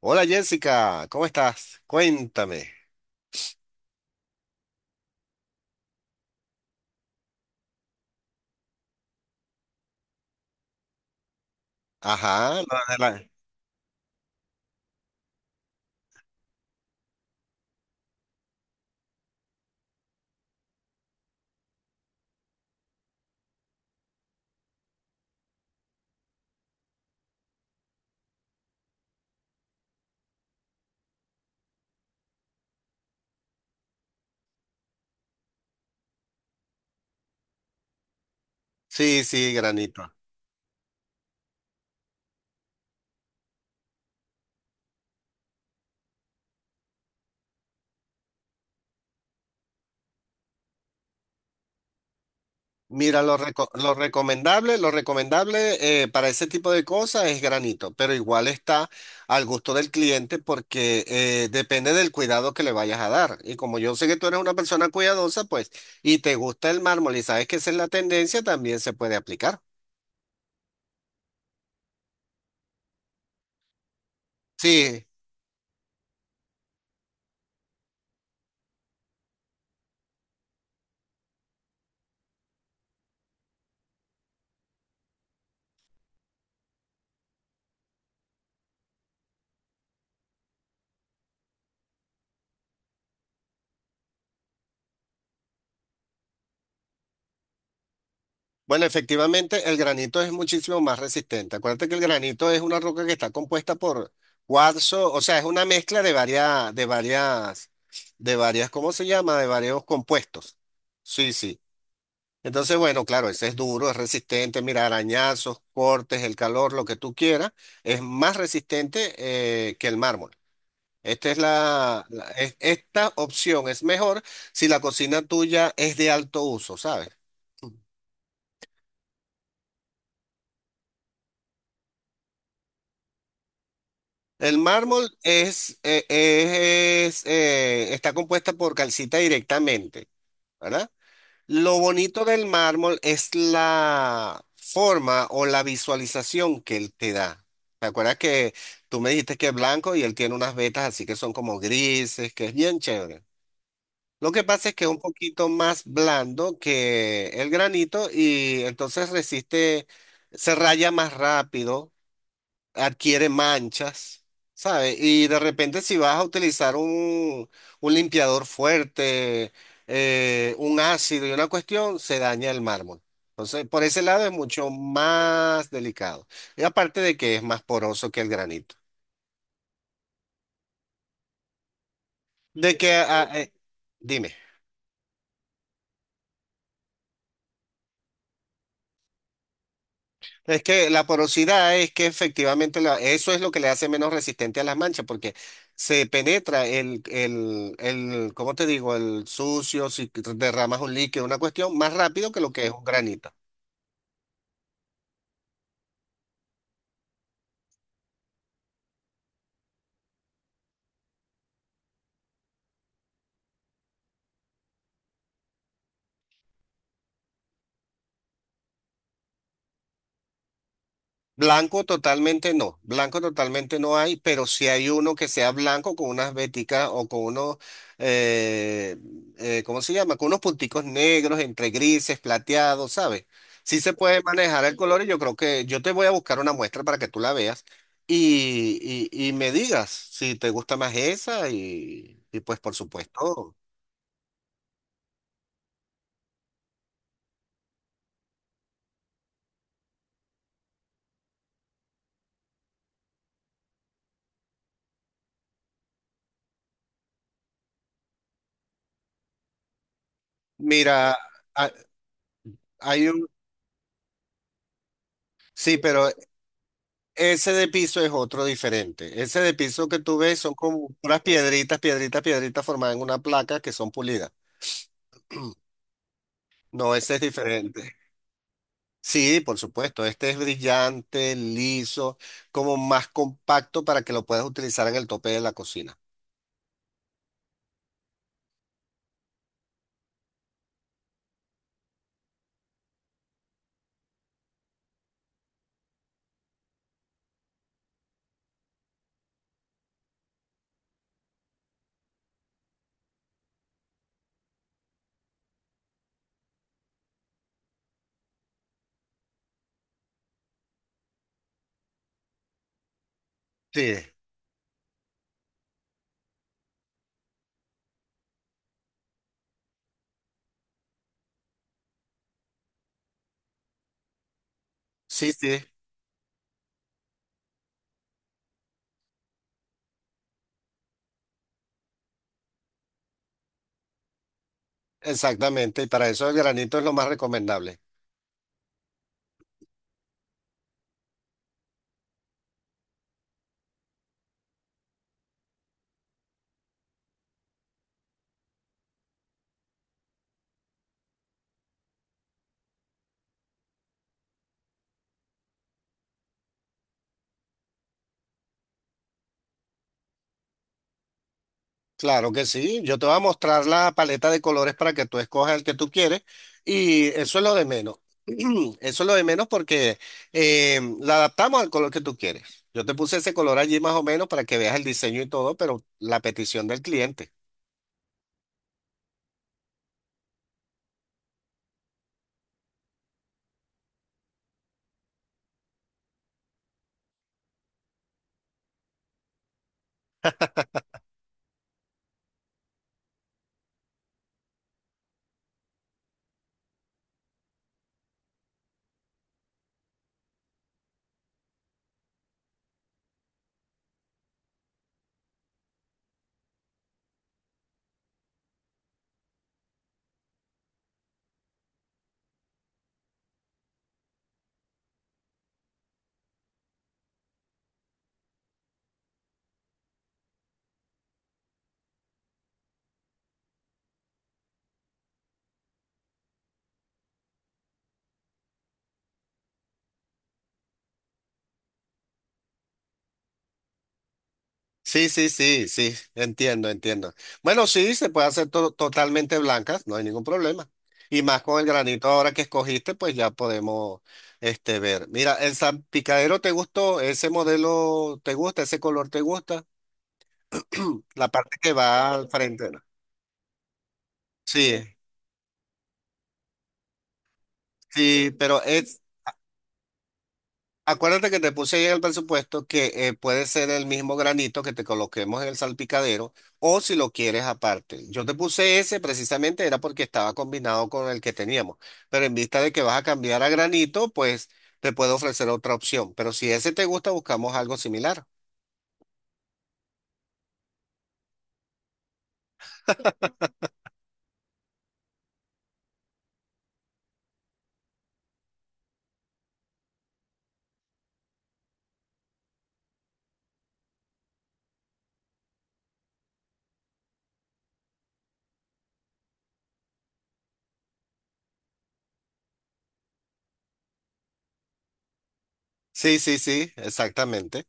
Hola Jessica, ¿cómo estás? Cuéntame. Ajá, lo de la- Sí, sí, granito. Mira, lo recomendable para ese tipo de cosas es granito, pero igual está al gusto del cliente porque depende del cuidado que le vayas a dar. Y como yo sé que tú eres una persona cuidadosa, pues, y te gusta el mármol y sabes que esa es la tendencia, también se puede aplicar. Sí. Bueno, efectivamente, el granito es muchísimo más resistente. Acuérdate que el granito es una roca que está compuesta por cuarzo, o sea, es una mezcla de varias, ¿cómo se llama? De varios compuestos. Sí, sí. Entonces, bueno, claro, ese es duro, es resistente, mira, arañazos, cortes, el calor, lo que tú quieras, es más resistente que el mármol. Esta es esta opción es mejor si la cocina tuya es de alto uso, ¿sabes? El mármol es, está compuesta por calcita directamente, ¿verdad? Lo bonito del mármol es la forma o la visualización que él te da. ¿Te acuerdas que tú me dijiste que es blanco y él tiene unas vetas así que son como grises, que es bien chévere? Lo que pasa es que es un poquito más blando que el granito y entonces resiste, se raya más rápido, adquiere manchas, ¿sabes? Y de repente si vas a utilizar un limpiador fuerte, un ácido y una cuestión, se daña el mármol. Entonces, por ese lado es mucho más delicado. Y aparte de que es más poroso que el granito. De que, ah, eh, dime. Es que la porosidad es que efectivamente eso es lo que le hace menos resistente a las manchas, porque se penetra el, ¿cómo te digo? El sucio, si derramas un líquido, una cuestión, más rápido que lo que es un granito. Blanco totalmente no hay, pero si hay uno que sea blanco con unas veticas o con unos, eh, ¿cómo se llama? Con unos punticos negros entre grises, plateados, ¿sabes? Sí se puede manejar el color y yo creo que yo te voy a buscar una muestra para que tú la veas y me digas si te gusta más esa y pues por supuesto, mira, ha- hay un, sí, pero ese de piso es otro diferente. Ese de piso que tú ves son como unas piedritas, piedritas, piedritas formadas en una placa que son pulidas. No, ese es diferente. Sí, por supuesto. Este es brillante, liso, como más compacto para que lo puedas utilizar en el tope de la cocina. Sí, sí, sí, exactamente. Y para eso el granito es lo más recomendable. Claro que sí, yo te voy a mostrar la paleta de colores para que tú escojas el que tú quieres y eso es lo de menos. Eso es lo de menos porque la adaptamos al color que tú quieres. Yo te puse ese color allí más o menos para que veas el diseño y todo, pero la petición del cliente. Sí, sí, sí, sí, entiendo, entiendo. Bueno, sí, se puede hacer totalmente blancas, no hay ningún problema. Y más con el granito ahora que escogiste, pues ya podemos este, ver. Mira, el salpicadero te gustó, ese modelo te gusta, ese color te gusta, la parte que va al frente, ¿no? Sí, sí, pero es, acuérdate que te puse ahí en el presupuesto que puede ser el mismo granito que te coloquemos en el salpicadero o si lo quieres aparte. Yo te puse ese precisamente era porque estaba combinado con el que teníamos, pero en vista de que vas a cambiar a granito, pues te puedo ofrecer otra opción. Pero si ese te gusta, buscamos algo similar. Sí, sí, sí, exactamente.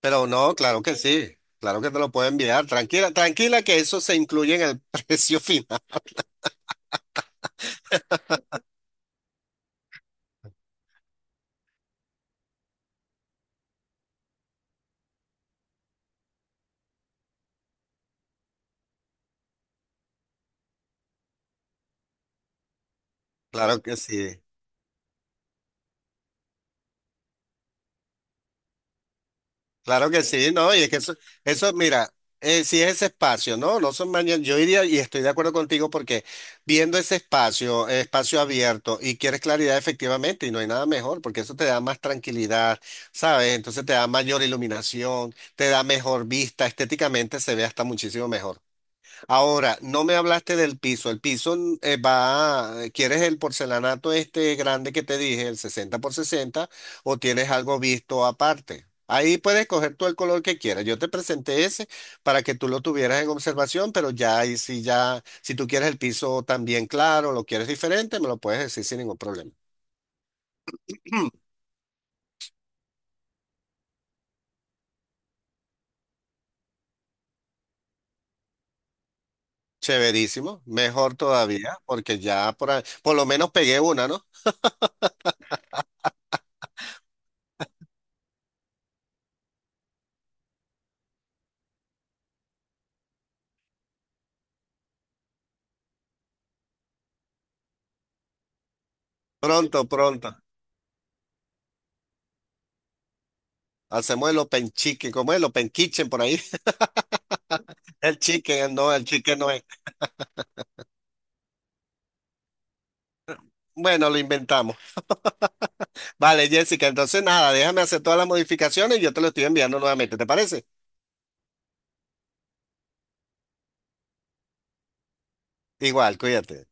Pero no, claro que sí, claro que te lo puedo enviar. Tranquila, tranquila que eso se incluye en el precio final. Claro que sí. Claro que sí, ¿no? Y es que eso mira, si es ese espacio, ¿no? No son mañana, yo iría y estoy de acuerdo contigo porque viendo ese espacio, espacio abierto y quieres claridad efectivamente y no hay nada mejor porque eso te da más tranquilidad, ¿sabes? Entonces te da mayor iluminación, te da mejor vista, estéticamente se ve hasta muchísimo mejor. Ahora, no me hablaste del piso. El piso va, ¿quieres el porcelanato este grande que te dije, el 60x60? ¿O tienes algo visto aparte? Ahí puedes coger tú el color que quieras. Yo te presenté ese para que tú lo tuvieras en observación, pero ya ahí sí ya, si tú quieres el piso también claro, lo quieres diferente, me lo puedes decir sin ningún problema. Chéverísimo, mejor todavía, porque ya por, por lo menos pegué una, ¿no? Pronto, pronto. Hacemos el open chicken, ¿cómo es el open kitchen por ahí? El chicken no es. Bueno, lo inventamos. Vale, Jessica, entonces nada, déjame hacer todas las modificaciones y yo te lo estoy enviando nuevamente, ¿te parece? Igual, cuídate.